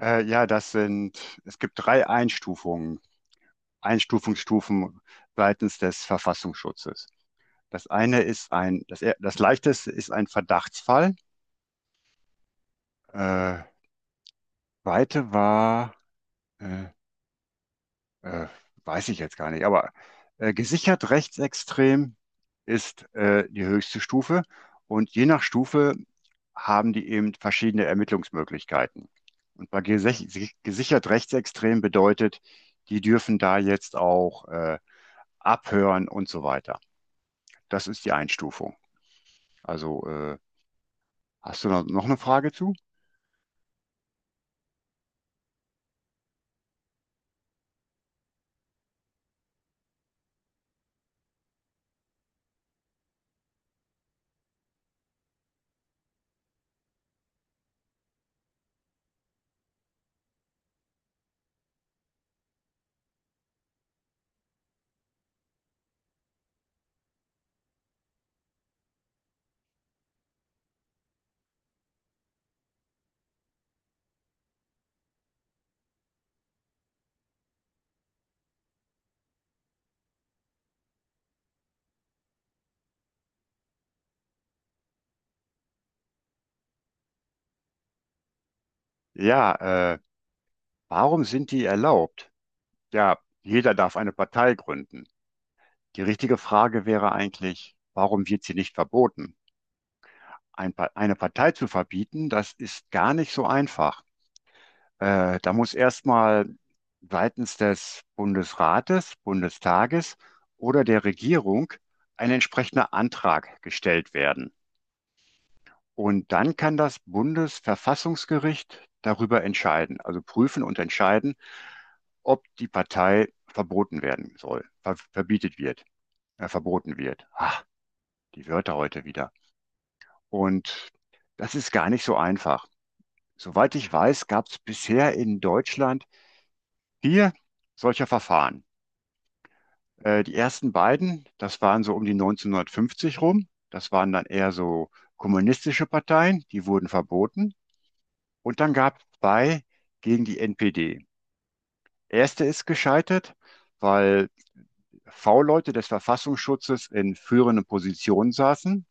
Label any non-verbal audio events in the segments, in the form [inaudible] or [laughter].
Äh, ja, das sind, Es gibt drei Einstufungen, Einstufungsstufen seitens des Verfassungsschutzes. Das eine ist das leichteste ist ein Verdachtsfall. Äh, Zweite war, äh, äh, weiß ich jetzt gar nicht, aber gesichert rechtsextrem ist die höchste Stufe. Und je nach Stufe haben die eben verschiedene Ermittlungsmöglichkeiten. Und bei gesichert rechtsextrem bedeutet, die dürfen da jetzt auch abhören und so weiter. Das ist die Einstufung. Also, äh, Hast du noch eine Frage zu? Ja, äh, Warum sind die erlaubt? Ja, jeder darf eine Partei gründen. Die richtige Frage wäre eigentlich, warum wird sie nicht verboten? Eine Partei zu verbieten, das ist gar nicht so einfach. Da muss erstmal seitens des Bundesrates, Bundestages oder der Regierung ein entsprechender Antrag gestellt werden. Und dann kann das Bundesverfassungsgericht darüber entscheiden, also prüfen und entscheiden, ob die Partei verboten werden soll, verbietet wird, verboten wird. Ah, die Wörter heute wieder. Und das ist gar nicht so einfach. Soweit ich weiß, gab es bisher in Deutschland vier solcher Verfahren. Die ersten beiden, das waren so um die 1950 rum. Das waren dann eher so kommunistische Parteien, die wurden verboten. Und dann gab es zwei gegen die NPD. Erste ist gescheitert, weil V-Leute des Verfassungsschutzes in führenden Positionen saßen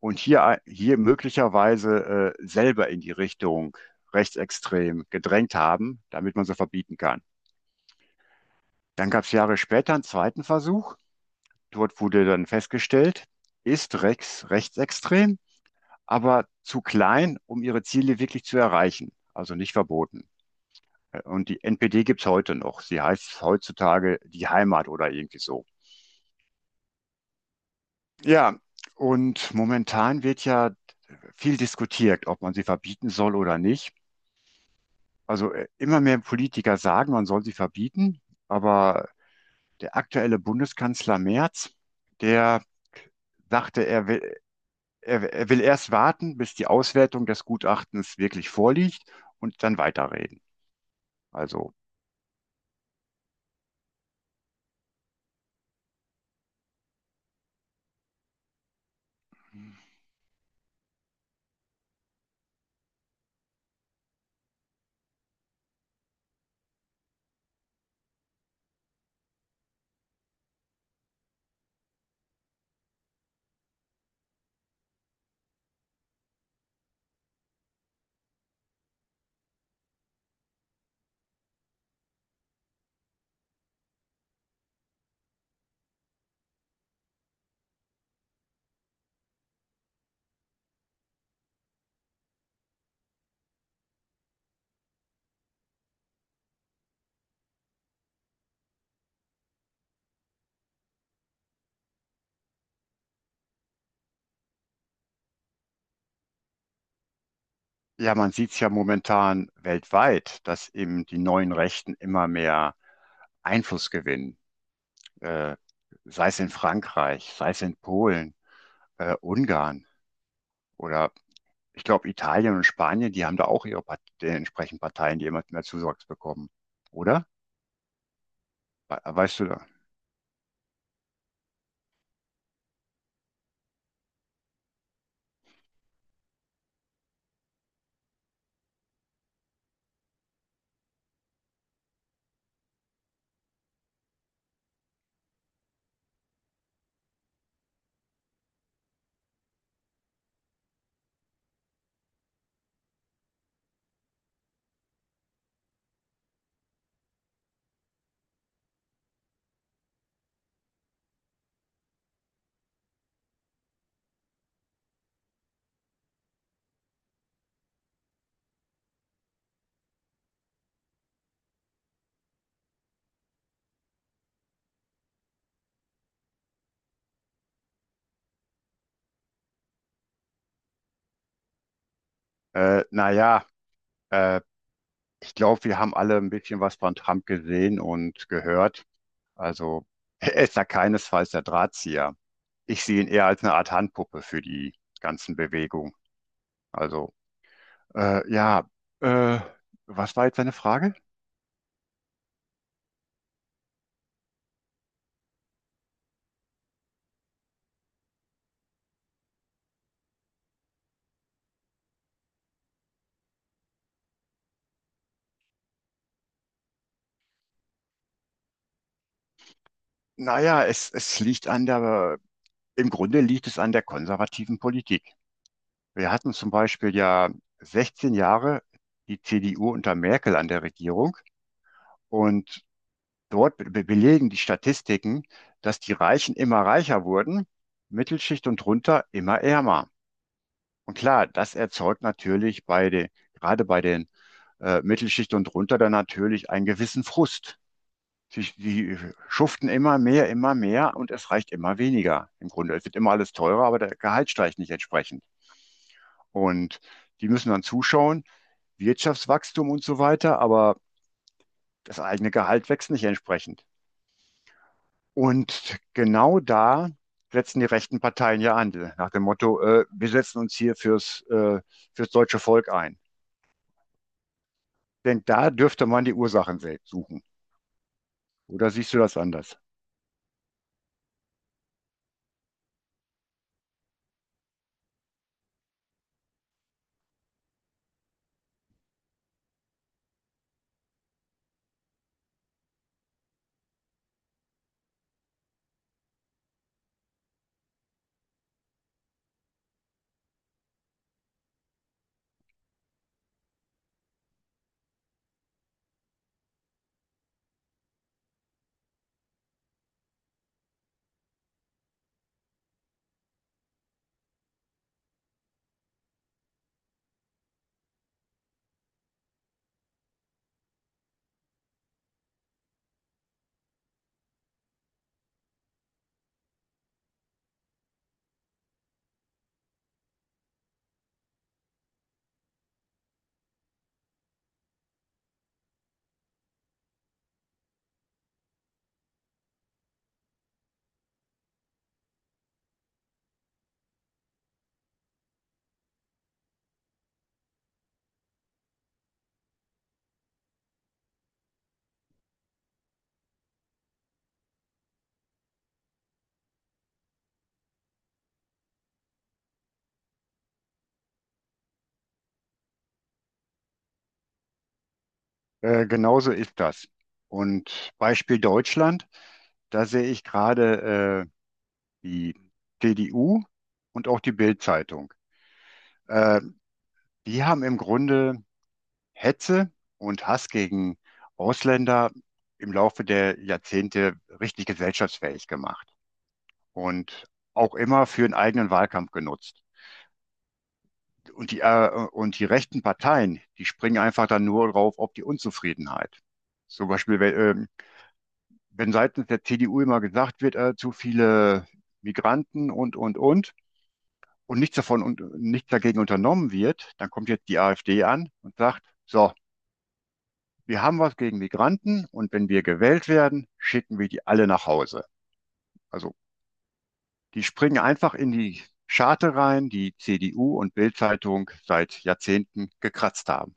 und hier möglicherweise selber in die Richtung rechtsextrem gedrängt haben, damit man sie verbieten kann. Dann gab es Jahre später einen zweiten Versuch. Dort wurde dann festgestellt, ist Rex rechtsextrem, aber zu klein, um ihre Ziele wirklich zu erreichen, also nicht verboten. Und die NPD gibt's heute noch. Sie heißt heutzutage die Heimat oder irgendwie so. Ja, und momentan wird ja viel diskutiert, ob man sie verbieten soll oder nicht. Immer mehr Politiker sagen, man soll sie verbieten, aber der aktuelle Bundeskanzler Merz, der sagte, er will erst warten, bis die Auswertung des Gutachtens wirklich vorliegt und dann weiterreden. Also ja, Man sieht es ja momentan weltweit, dass eben die neuen Rechten immer mehr Einfluss gewinnen, äh, sei es in Frankreich, sei es in Polen, Ungarn oder ich glaube Italien und Spanien, die haben da auch ihre Part die entsprechenden Parteien, die immer mehr Zuwachs bekommen, oder? Weißt du da? Äh, naja, äh, Ich glaube, wir haben alle ein bisschen was von Trump gesehen und gehört. Also [laughs] er ist da keinesfalls der Drahtzieher. Ich sehe ihn eher als eine Art Handpuppe für die ganzen Bewegungen. Also äh, ja, äh, Was war jetzt deine Frage? Es liegt an der, im Grunde liegt es an der konservativen Politik. Wir hatten zum Beispiel ja 16 Jahre die CDU unter Merkel an der Regierung und dort be belegen die Statistiken, dass die Reichen immer reicher wurden, Mittelschicht und drunter immer ärmer. Und klar, das erzeugt natürlich bei den, gerade bei den Mittelschicht und drunter dann natürlich einen gewissen Frust. Die schuften immer mehr und es reicht immer weniger im Grunde. Es wird immer alles teurer, aber der Gehalt steigt nicht entsprechend. Und die müssen dann zuschauen, Wirtschaftswachstum und so weiter, aber das eigene Gehalt wächst nicht entsprechend. Und genau da setzen die rechten Parteien ja an, nach dem Motto, wir setzen uns fürs deutsche Volk ein. Denn da dürfte man die Ursachen suchen. Oder siehst du das anders? Genauso ist das. Und Beispiel Deutschland. Da sehe ich gerade die CDU und auch die Bild-Zeitung. Äh, Die haben im Grunde Hetze und Hass gegen Ausländer im Laufe der Jahrzehnte richtig gesellschaftsfähig gemacht und auch immer für einen eigenen Wahlkampf genutzt. Und die rechten Parteien, die springen einfach dann nur drauf auf die Unzufriedenheit. Zum Beispiel, wenn seitens der CDU immer gesagt wird, zu viele Migranten und nichts davon und nichts dagegen unternommen wird, dann kommt jetzt die AfD an und sagt, so, wir haben was gegen Migranten und wenn wir gewählt werden, schicken wir die alle nach Hause. Also die springen einfach in die Scharte rein, die CDU und Bild-Zeitung seit Jahrzehnten gekratzt haben.